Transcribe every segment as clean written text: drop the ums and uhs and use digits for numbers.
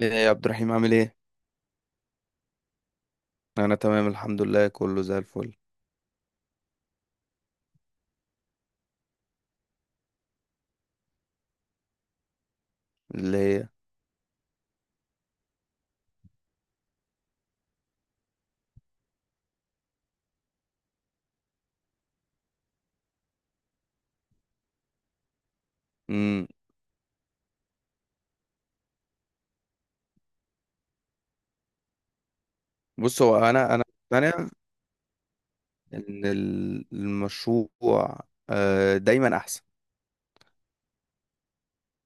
ايه يا عبد الرحيم، عامل ايه؟ انا تمام الحمد لله، كله زي الفل. اللي هي؟ امم بص، هو انا مقتنع ان المشروع دايما احسن.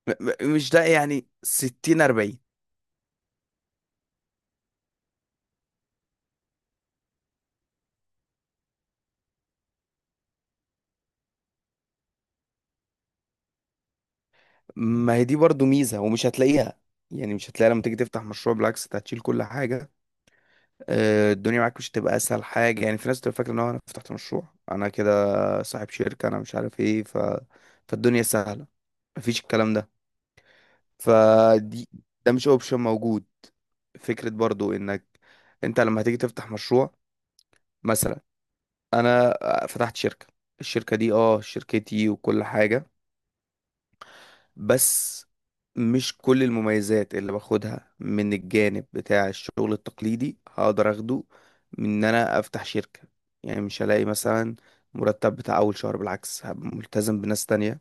م- مش ده، يعني 60 40؟ ما هي دي برضو ميزة ومش هتلاقيها، يعني مش هتلاقيها لما تيجي تفتح مشروع، بالعكس انت هتشيل كل حاجة. الدنيا معاك مش هتبقى اسهل حاجة. يعني في ناس بتبقى فاكرة ان هو انا فتحت مشروع، انا كده صاحب شركة، انا مش عارف ايه ف... فالدنيا سهلة. مفيش الكلام ده. فدي، ده مش اوبشن موجود. فكرة برضو انك انت لما هتيجي تفتح مشروع، مثلا انا فتحت شركة، الشركة دي اه شركتي وكل حاجة، بس مش كل المميزات اللي باخدها من الجانب بتاع الشغل التقليدي هقدر اخده من ان انا افتح شركة. يعني مش هلاقي مثلا مرتب بتاع اول شهر، بالعكس هبقى ملتزم بناس تانية،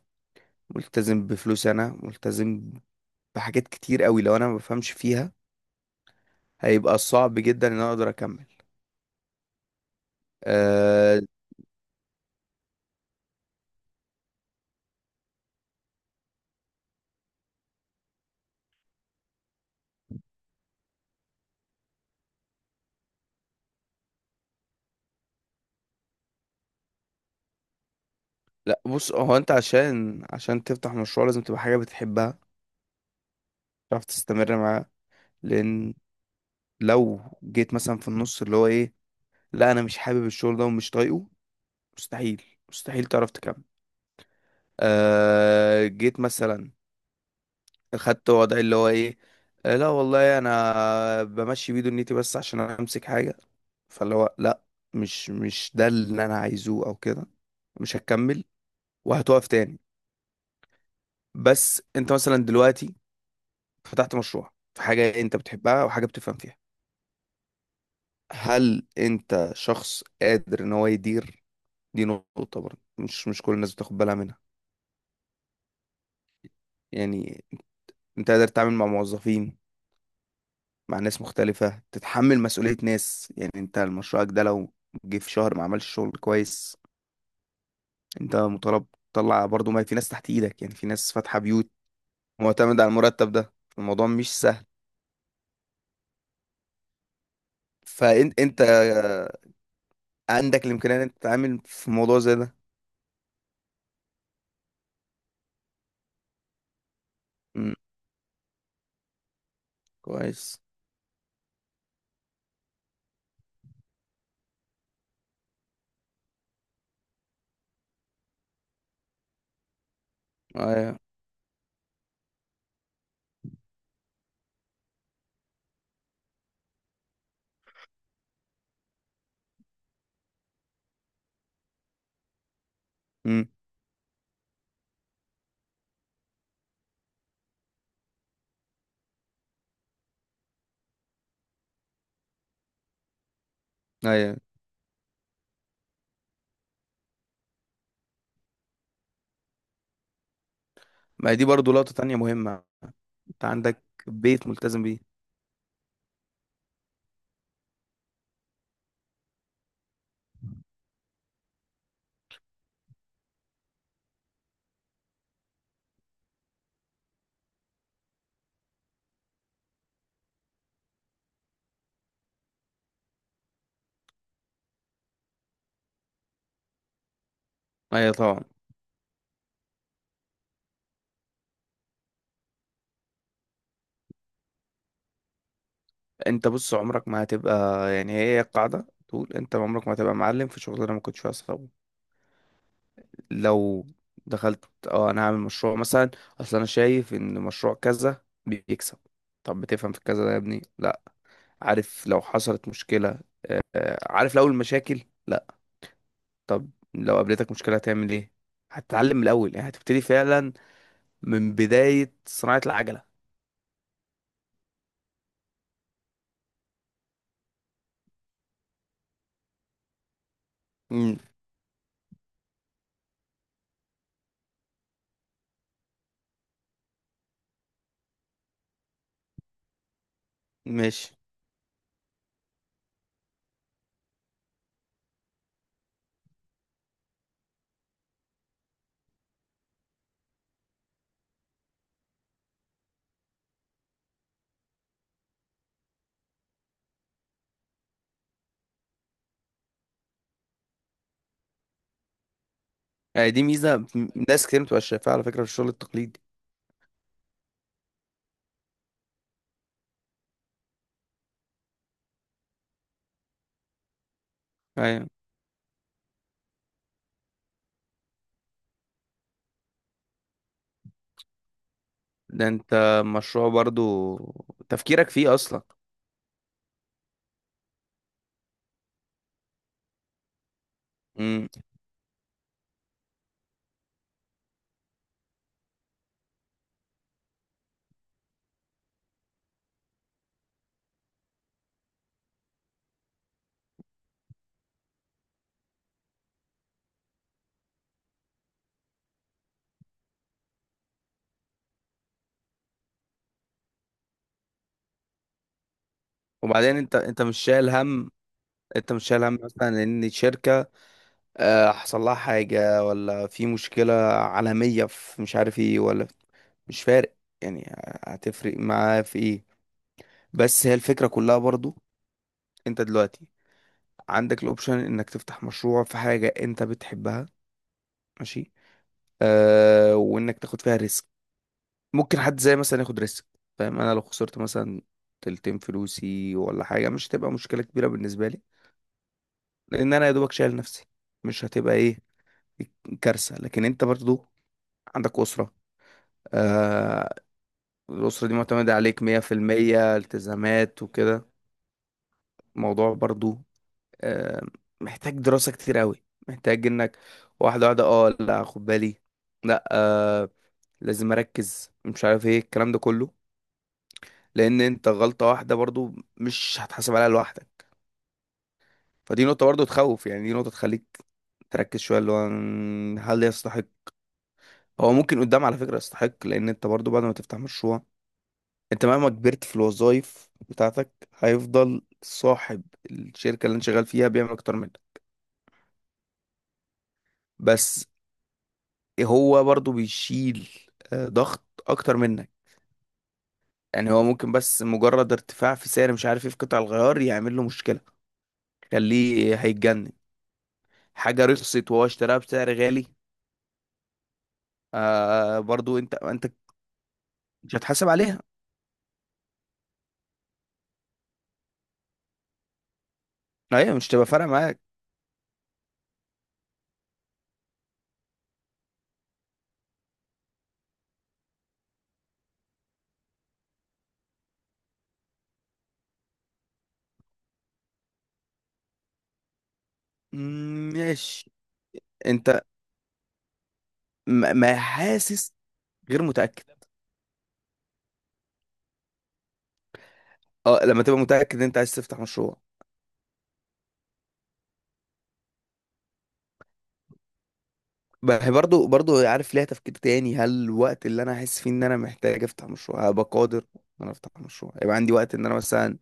ملتزم بفلوس، انا ملتزم بحاجات كتير قوي، لو انا ما بفهمش فيها هيبقى صعب جدا ان انا اقدر اكمل. أه. لا بص، هو انت عشان تفتح مشروع لازم تبقى حاجة بتحبها، تعرف تستمر معاها. لان لو جيت مثلا في النص، اللي هو ايه، لا انا مش حابب الشغل ده ومش طايقه، مستحيل، مستحيل تعرف تكمل. أه، جيت مثلا خدت وضع اللي هو ايه، لا والله انا بمشي بيه دنيتي بس عشان امسك حاجة، فاللي هو لا، مش ده اللي انا عايزه او كده، مش هكمل وهتقف تاني. بس انت مثلا دلوقتي فتحت مشروع في حاجة انت بتحبها وحاجة بتفهم فيها، هل انت شخص قادر ان هو يدير؟ دي نقطة برضه مش كل الناس بتاخد بالها منها. يعني انت قادر تتعامل مع موظفين، مع ناس مختلفة، تتحمل مسؤولية ناس؟ يعني انت مشروعك ده لو جه في شهر ما عملش شغل كويس انت مطالب تطلع برضه، ما في ناس تحت ايدك، يعني في ناس فاتحة بيوت معتمدة على المرتب ده. الموضوع مش سهل. فانت عندك الامكانية ان انت تتعامل في موضوع زي ده؟ امم، كويس، ايوه، امم، ايوه. ما هي دي برضه لقطة تانية مهمة، انت عندك بيت ملتزم بيه. ايوه طبعا. انت بص عمرك ما هتبقى، يعني هي القاعدة تقول، انت عمرك ما هتبقى معلم في شغلانة ما كنتش فيها صحاب. لو دخلت اه انا هعمل مشروع مثلا، اصل انا شايف ان مشروع كذا بيكسب، طب بتفهم في كذا ده يا ابني؟ لا. عارف لو حصلت مشكلة؟ عارف لو المشاكل؟ لا. طب لو قابلتك مشكلة هتعمل ايه؟ هتتعلم من الاول يعني، هتبتدي فعلا من بداية صناعة العجلة. مم. ماشي. يعني دي ميزة ناس كتير متبقاش شايفاها على فكرة في الشغل التقليدي. ايوه. ده انت مشروع برضو تفكيرك فيه اصلا. مم. وبعدين انت مش شايل هم، انت مش شايل هم مثلا ان شركة حصل لها حاجة ولا في مشكلة عالمية في مش عارف ايه ولا؟ مش فارق يعني، هتفرق معاه في ايه؟ بس هي الفكرة كلها برضو، انت دلوقتي عندك الاوبشن انك تفتح مشروع في حاجة انت بتحبها. ماشي. آه، وانك تاخد فيها ريسك. ممكن حد زي مثلا ياخد ريسك، فاهم، انا لو خسرت مثلا تلتين فلوسي ولا حاجه مش هتبقى مشكله كبيره بالنسبه لي، لان انا يا دوبك شايل نفسي، مش هتبقى ايه، كارثه. لكن انت برضو عندك اسره. آه. الاسره دي معتمده عليك 100%، التزامات وكده. الموضوع برضو آه محتاج دراسه كتير قوي، محتاج انك واحده واحده، اه لا خد بالي، لا آه لازم اركز مش عارف ايه الكلام ده كله، لان انت غلطة واحدة برضو مش هتحاسب عليها لوحدك. فدي نقطة برضو تخوف، يعني دي نقطة تخليك تركز شوية، اللي هو هل يستحق؟ هو ممكن قدام على فكرة يستحق، لان انت برضو بعد ما تفتح مشروع، انت مهما كبرت في الوظائف بتاعتك هيفضل صاحب الشركة اللي انت شغال فيها بيعمل اكتر منك، بس هو برضو بيشيل ضغط اكتر منك. يعني هو ممكن بس مجرد ارتفاع في سعر مش عارف ايه في قطع الغيار يعمل له مشكلة يخليه هيتجنن، حاجة رخصت وهو اشتراها بسعر غالي. آه، برضو انت مش هتحاسب عليها، ايوه، مش تبقى فارقه معاك. مم، ماشي. انت ما حاسس، غير متاكد. اه، لما تبقى متاكد ان انت عايز تفتح مشروع. برضو عارف، ليها تفكير تاني، هل الوقت اللي انا احس فيه ان انا محتاج افتح مشروع هبقى قادر ان انا افتح مشروع؟ يبقى عندي وقت ان انا مثلا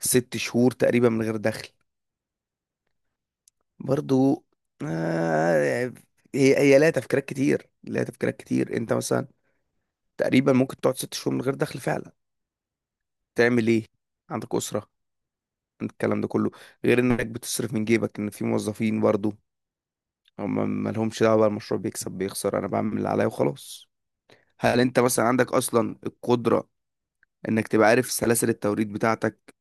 6 شهور تقريبا من غير دخل؟ برضو آه، هي ليها تفكيرات كتير، ليها تفكيرات كتير. انت مثلا تقريبا ممكن تقعد 6 شهور من غير دخل فعلا، تعمل ايه؟ عندك اسره، عندك الكلام ده كله، غير انك بتصرف من جيبك ان في موظفين برضو هم مالهمش دعوه بقى المشروع بيكسب بيخسر، انا بعمل اللي عليا وخلاص. هل انت مثلا عندك اصلا القدره انك تبقى عارف سلاسل التوريد بتاعتك،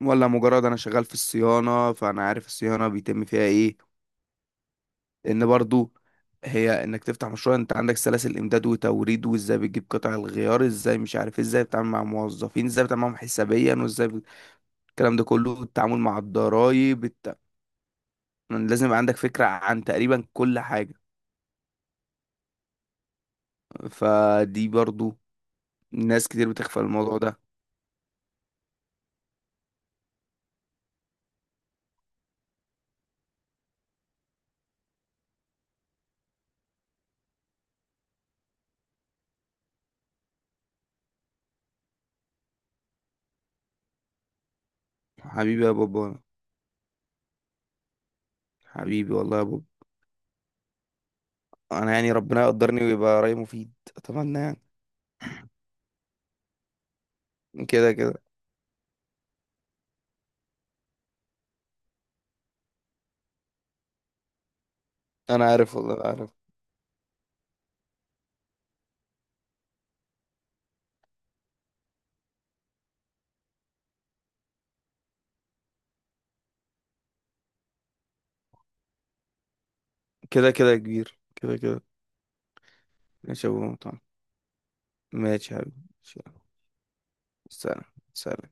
ولا مجرد انا شغال في الصيانه فانا عارف الصيانه بيتم فيها ايه؟ لان برضو، هي انك تفتح مشروع انت عندك سلاسل امداد وتوريد، وازاي بتجيب قطع الغيار، ازاي مش عارف إيه، ازاي بتتعامل مع موظفين، ازاي بتتعامل معاهم حسابيا، وازاي الكلام ده كله، التعامل مع الضرايب، لازم يبقى عندك فكرة عن تقريبا كل حاجة. فدي برضو ناس كتير بتغفل الموضوع ده. حبيبي يا بابا، حبيبي والله يا بابا. انا يعني ربنا يقدرني ويبقى رأيي مفيد، اتمنى يعني. كده كده. انا عارف والله عارف. كده كده يا كبير، كده كده. ماشي يا بابا، ماشي يا حبيبي. ماشي. سلام. سلام.